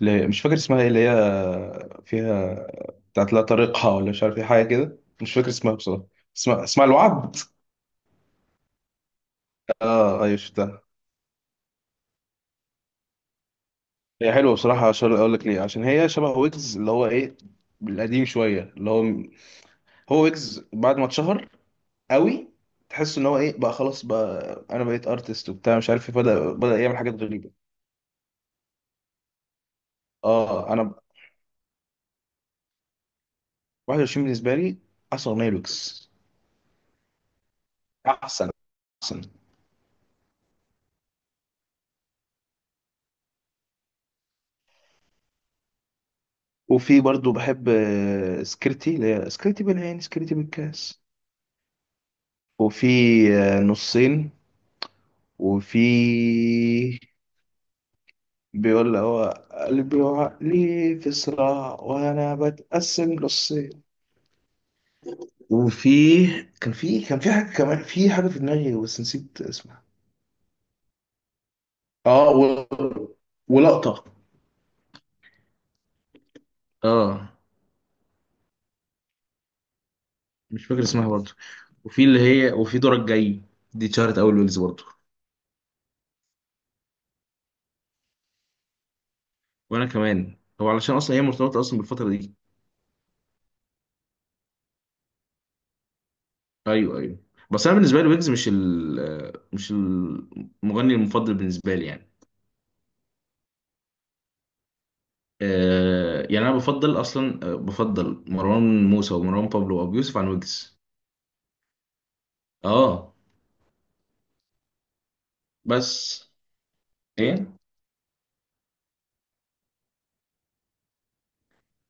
مش فاكر اسمها ايه اللي هي فيها بتاعت لا طريقها ولا مش عارف ايه حاجه كده، مش فاكر اسمها بصراحه. اسمها الوعد. اه، ايوه شفتها. هي حلوه بصراحه. عشان اقول لك ليه، عشان هي شبه ويجز اللي هو ايه، القديم شويه، اللي هو ويجز بعد ما اتشهر قوي. تحس ان هو ايه بقى، خلاص بقى انا بقيت ارتست وبتاع مش عارف ايه، بدا يعمل حاجات غريبه. اه. انا 21 بالنسبه لي احسن اغنيه لويجز. احسن. احسن. وفي برضو بحب سكرتي، اللي هي سكرتي بالعين سكرتي بالكاس. وفي نصين. وفي بيقول هو قلبي وعقلي في صراع وانا بتقسم نصين. وفي كان في حاجه، كمان في حاجه في دماغي بس نسيت اسمها. اه ولقطه. اه، مش فاكر اسمها برضو. وفي اللي هي وفي دورك جاي، دي اتشهرت اول ويلز برضو. وانا كمان، هو علشان اصلا هي مرتبطه اصلا بالفتره دي. ايوه، ايوه. بس انا بالنسبه لي ويجز مش المغني المفضل بالنسبه لي يعني. يعني انا بفضل اصلا آه، بفضل مروان موسى ومروان بابلو وابو يوسف عن ويجز. اه. بس ايه؟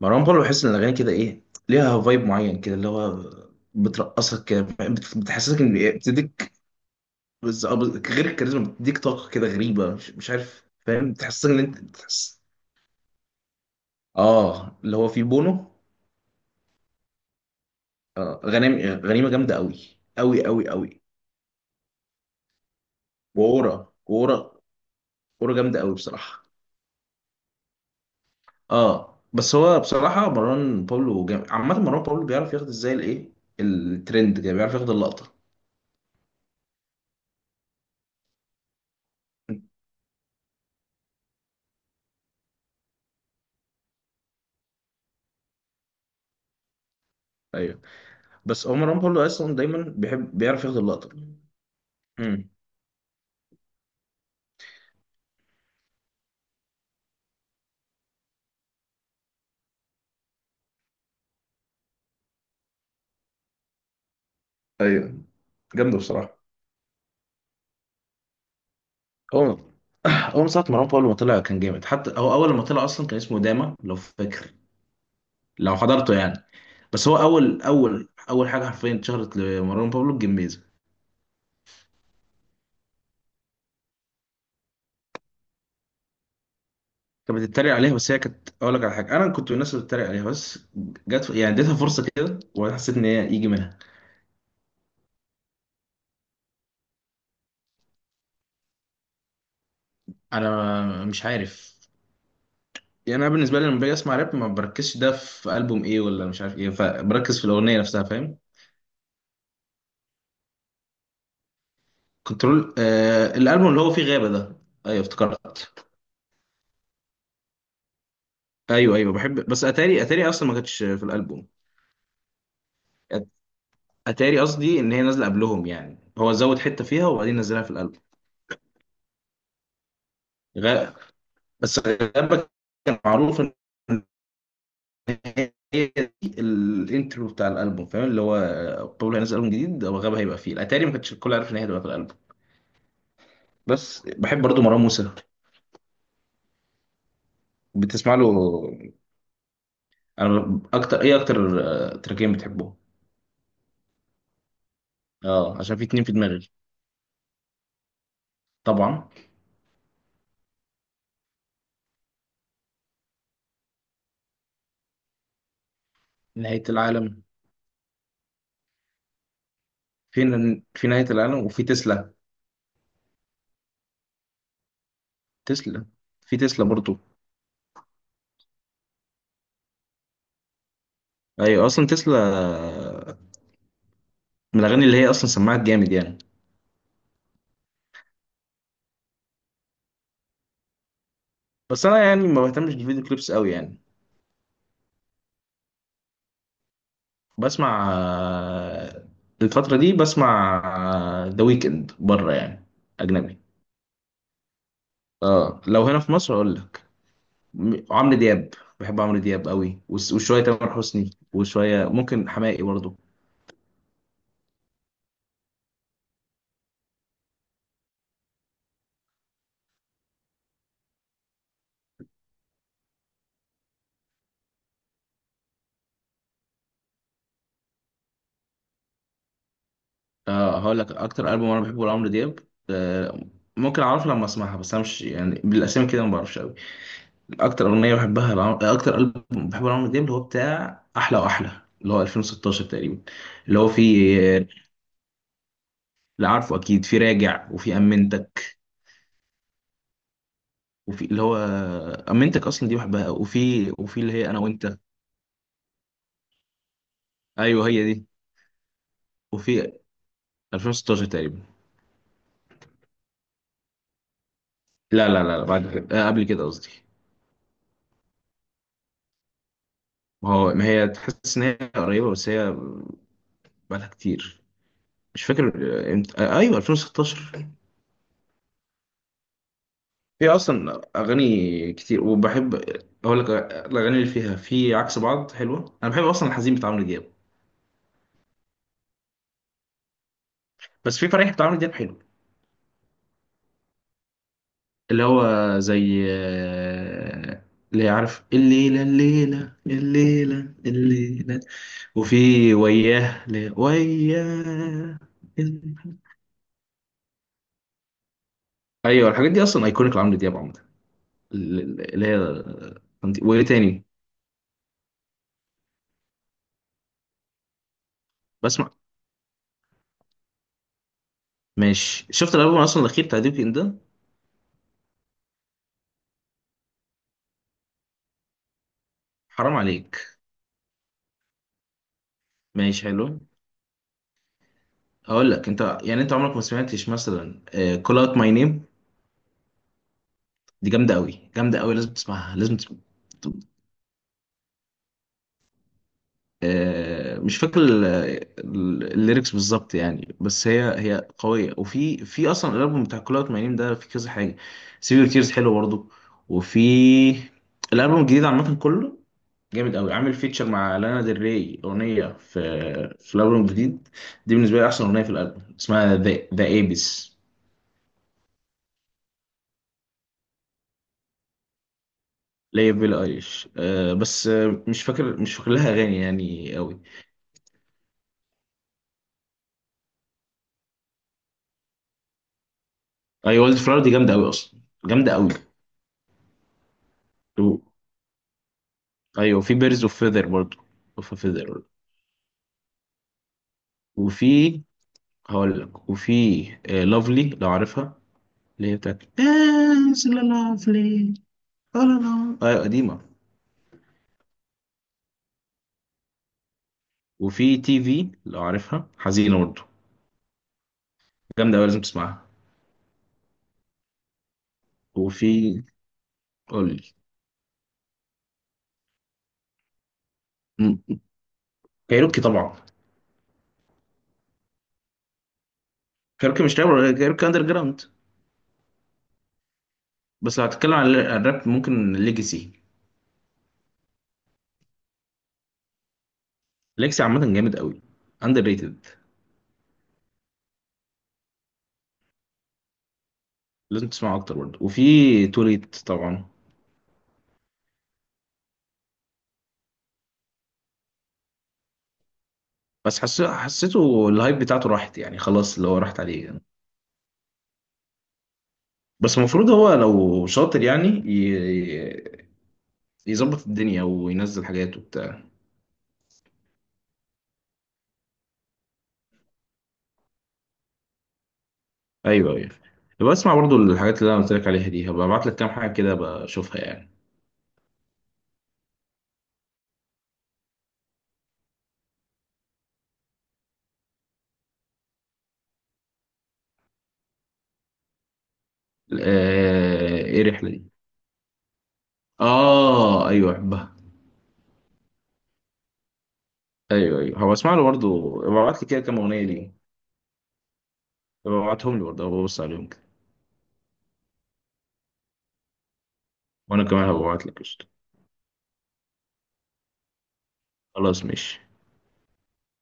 مروان بابلو بحس ان الاغاني كده ايه، ليها فايب معين كده، اللي هو بترقصك كده، بتحسسك ان بتديك. غير الكاريزما، بتديك طاقه كده غريبه مش عارف، فاهم، بتحسسك ان انت بتحس. اه، اللي هو في بونو. غنيمه، غنيمه جامده قوي. قوي قوي قوي. وورا، وورا. وورا جامده قوي بصراحه. اه، بس هو بصراحه مروان باولو جامد عامه. مروان باولو بيعرف ياخد ازاي الايه، الترند، كده بيعرف ياخد اللقطه. ايوه، بس هو مروان باولو اصلا دايما بيحب، بيعرف ياخد اللقطه. امم ايوه، جامده بصراحه. هو هو من ساعه مروان باولو ما طلع كان جامد، حتى هو اول ما طلع اصلا كان اسمه داما لو فاكر، لو حضرته يعني. بس هو اول اول اول حاجه حرفيا اتشهرت لمروان بابلو الجميزه. كانت بتتريق عليها، بس هي كانت، اقول لك على حاجه، انا كنت من الناس اللي بتتريق عليها، بس جت يعني اديتها فرصه كده وحسيت ان هي يجي منها. انا مش عارف يعني، انا بالنسبه لي لما باجي اسمع راب ما بركزش ده في البوم ايه ولا مش عارف ايه، فبركز في الاغنيه نفسها فاهم. كنترول، الالبوم اللي هو فيه غابه ده، ايوه افتكرت. ايوه، ايوه بحب. بس اتاري، اصلا ما كانتش في الالبوم. اتاري قصدي ان هي نازله قبلهم، يعني هو زود حته فيها وبعدين نزلها في الالبوم. غابه، بس غابه كان معروف ان هي دي الانترو بتاع الالبوم، فاهم، اللي هو بابلو هينزل البوم جديد وغابة هيبقى فيه، اتاري ما كانش الكل عارف ان هي هتبقى في الالبوم. بس بحب برضو مروان موسى. بتسمع له؟ انا اكتر ايه، اكتر تراكين بتحبهم. اه، عشان في اتنين في دماغي. طبعا نهاية العالم. في في نهاية العالم، وفي تسلا، تسلا. في تسلا برضو. ايوه، اصلا تسلا من الاغاني اللي هي اصلا سمعت جامد يعني. بس انا يعني ما بهتمش بالفيديو كليبس قوي يعني. بسمع الفترة دي بسمع ذا ويكند بره يعني، أجنبي. اه، لو هنا في مصر أقول لك عمرو دياب. بحب عمرو دياب قوي، وشوية تامر حسني وشوية ممكن حماقي برضو. اه، هقول لك أكتر ألبوم أنا بحبه لعمرو دياب. آه ممكن أعرفه لما أسمعها، بس أنا مش يعني بالأسامي كده، ما بعرفش قوي. أكتر ألبوم بحبه لعمرو دياب اللي هو بتاع أحلى وأحلى، اللي هو 2016 تقريبا، اللي هو فيه. اللي عارفه أكيد في راجع وفي أمنت، وفي اللي هو امنتك اصلا دي بحبها، وفي اللي هي انا وانت. ايوه، هي دي. وفي 2016 تقريبا. لا، لا، لا، لا، بعد كده قبل كده قصدي. ما هو، ما هي تحس ان هي قريبه، بس هي بقالها كتير. مش فاكر امتى. ايوه 2016. في اصلا اغاني كتير، وبحب اقول لك الاغاني اللي فيها في عكس بعض حلوه. انا بحب اصلا الحزين بتاع عمرو دياب. بس في فرح بتاع عمرو دياب حلو، اللي هو زي اللي عارف، الليلة الليلة الليلة الليلة. وفي وياه، وياه. ايوه، الحاجات دي اصلا ايكونيك لعمرو دياب عموما، اللي هي، وايه تاني؟ بسمع، ماشي. شفت الالبوم اصلا الاخير بتاع ديب ان ده؟ حرام عليك. ماشي حلو. هقول لك انت يعني انت عمرك ما سمعتش مثلا كول اوت ماي نيم؟ دي جامده قوي، جامده قوي، لازم تسمعها، لازم تسمعها. مش فاكر الليركس بالظبط يعني، بس هي قوية. وفي أصلا الألبوم بتاع كل أوت مجانين ده، في كذا حاجة. سيفير كيرز حلو برضو. وفي الألبوم الجديد عامة كله جامد أوي. عامل فيتشر مع لانا ديل ري أغنية في الألبوم الجديد، دي بالنسبة لي أحسن أغنية في الألبوم، اسمها ذا ايبس. ليا بيلي ايليش، أه، بس مش فاكر لها أغاني يعني أوي. أي، ولد فلاور دي جامدة أوي أصلا، جامدة أوي. ايوه، في بيرز اوف فيذر برضه، اوف فيذر. وفي هقول لك وفي لافلي لو عارفها، اللي هي بتاعت از لافلي. لا، ايوه قديمه. وفي تي في لو عارفها، حزينه برضه، جامده قوي لازم تسمعها. وفي، قول لي. م- كايروكي طبعا. كايروكي مش رابر، كايروكي اندر جراوند. بس لو هتتكلم عن عن الراب ممكن ليجاسي. ليجاسي عامه جامد قوي، اندر ريتد. لازم تسمعه اكتر برضه. وفي توليت طبعا. بس حسيته الهايب بتاعته راحت يعني، خلاص اللي هو راحت عليه يعني. بس المفروض هو لو شاطر يعني يظبط الدنيا وينزل حاجات وبتاع. ايوه، ايوه. يبقى اسمع برضو الحاجات اللي انا قلت لك عليها دي، هبقى ابعت لك كام حاجه كده بشوفها يعني. ايه الرحله دي؟ اه، ايوه بحبها. ايوه ايوه، هبقى اسمع له برضو. هبقى ابعت لي كده كام اغنيه ليه، هبقى ابعتهم لي برضو هبقى ابص عليهم كده. وانا كمان هبقى ابعت لك قشطة. خلاص ماشي.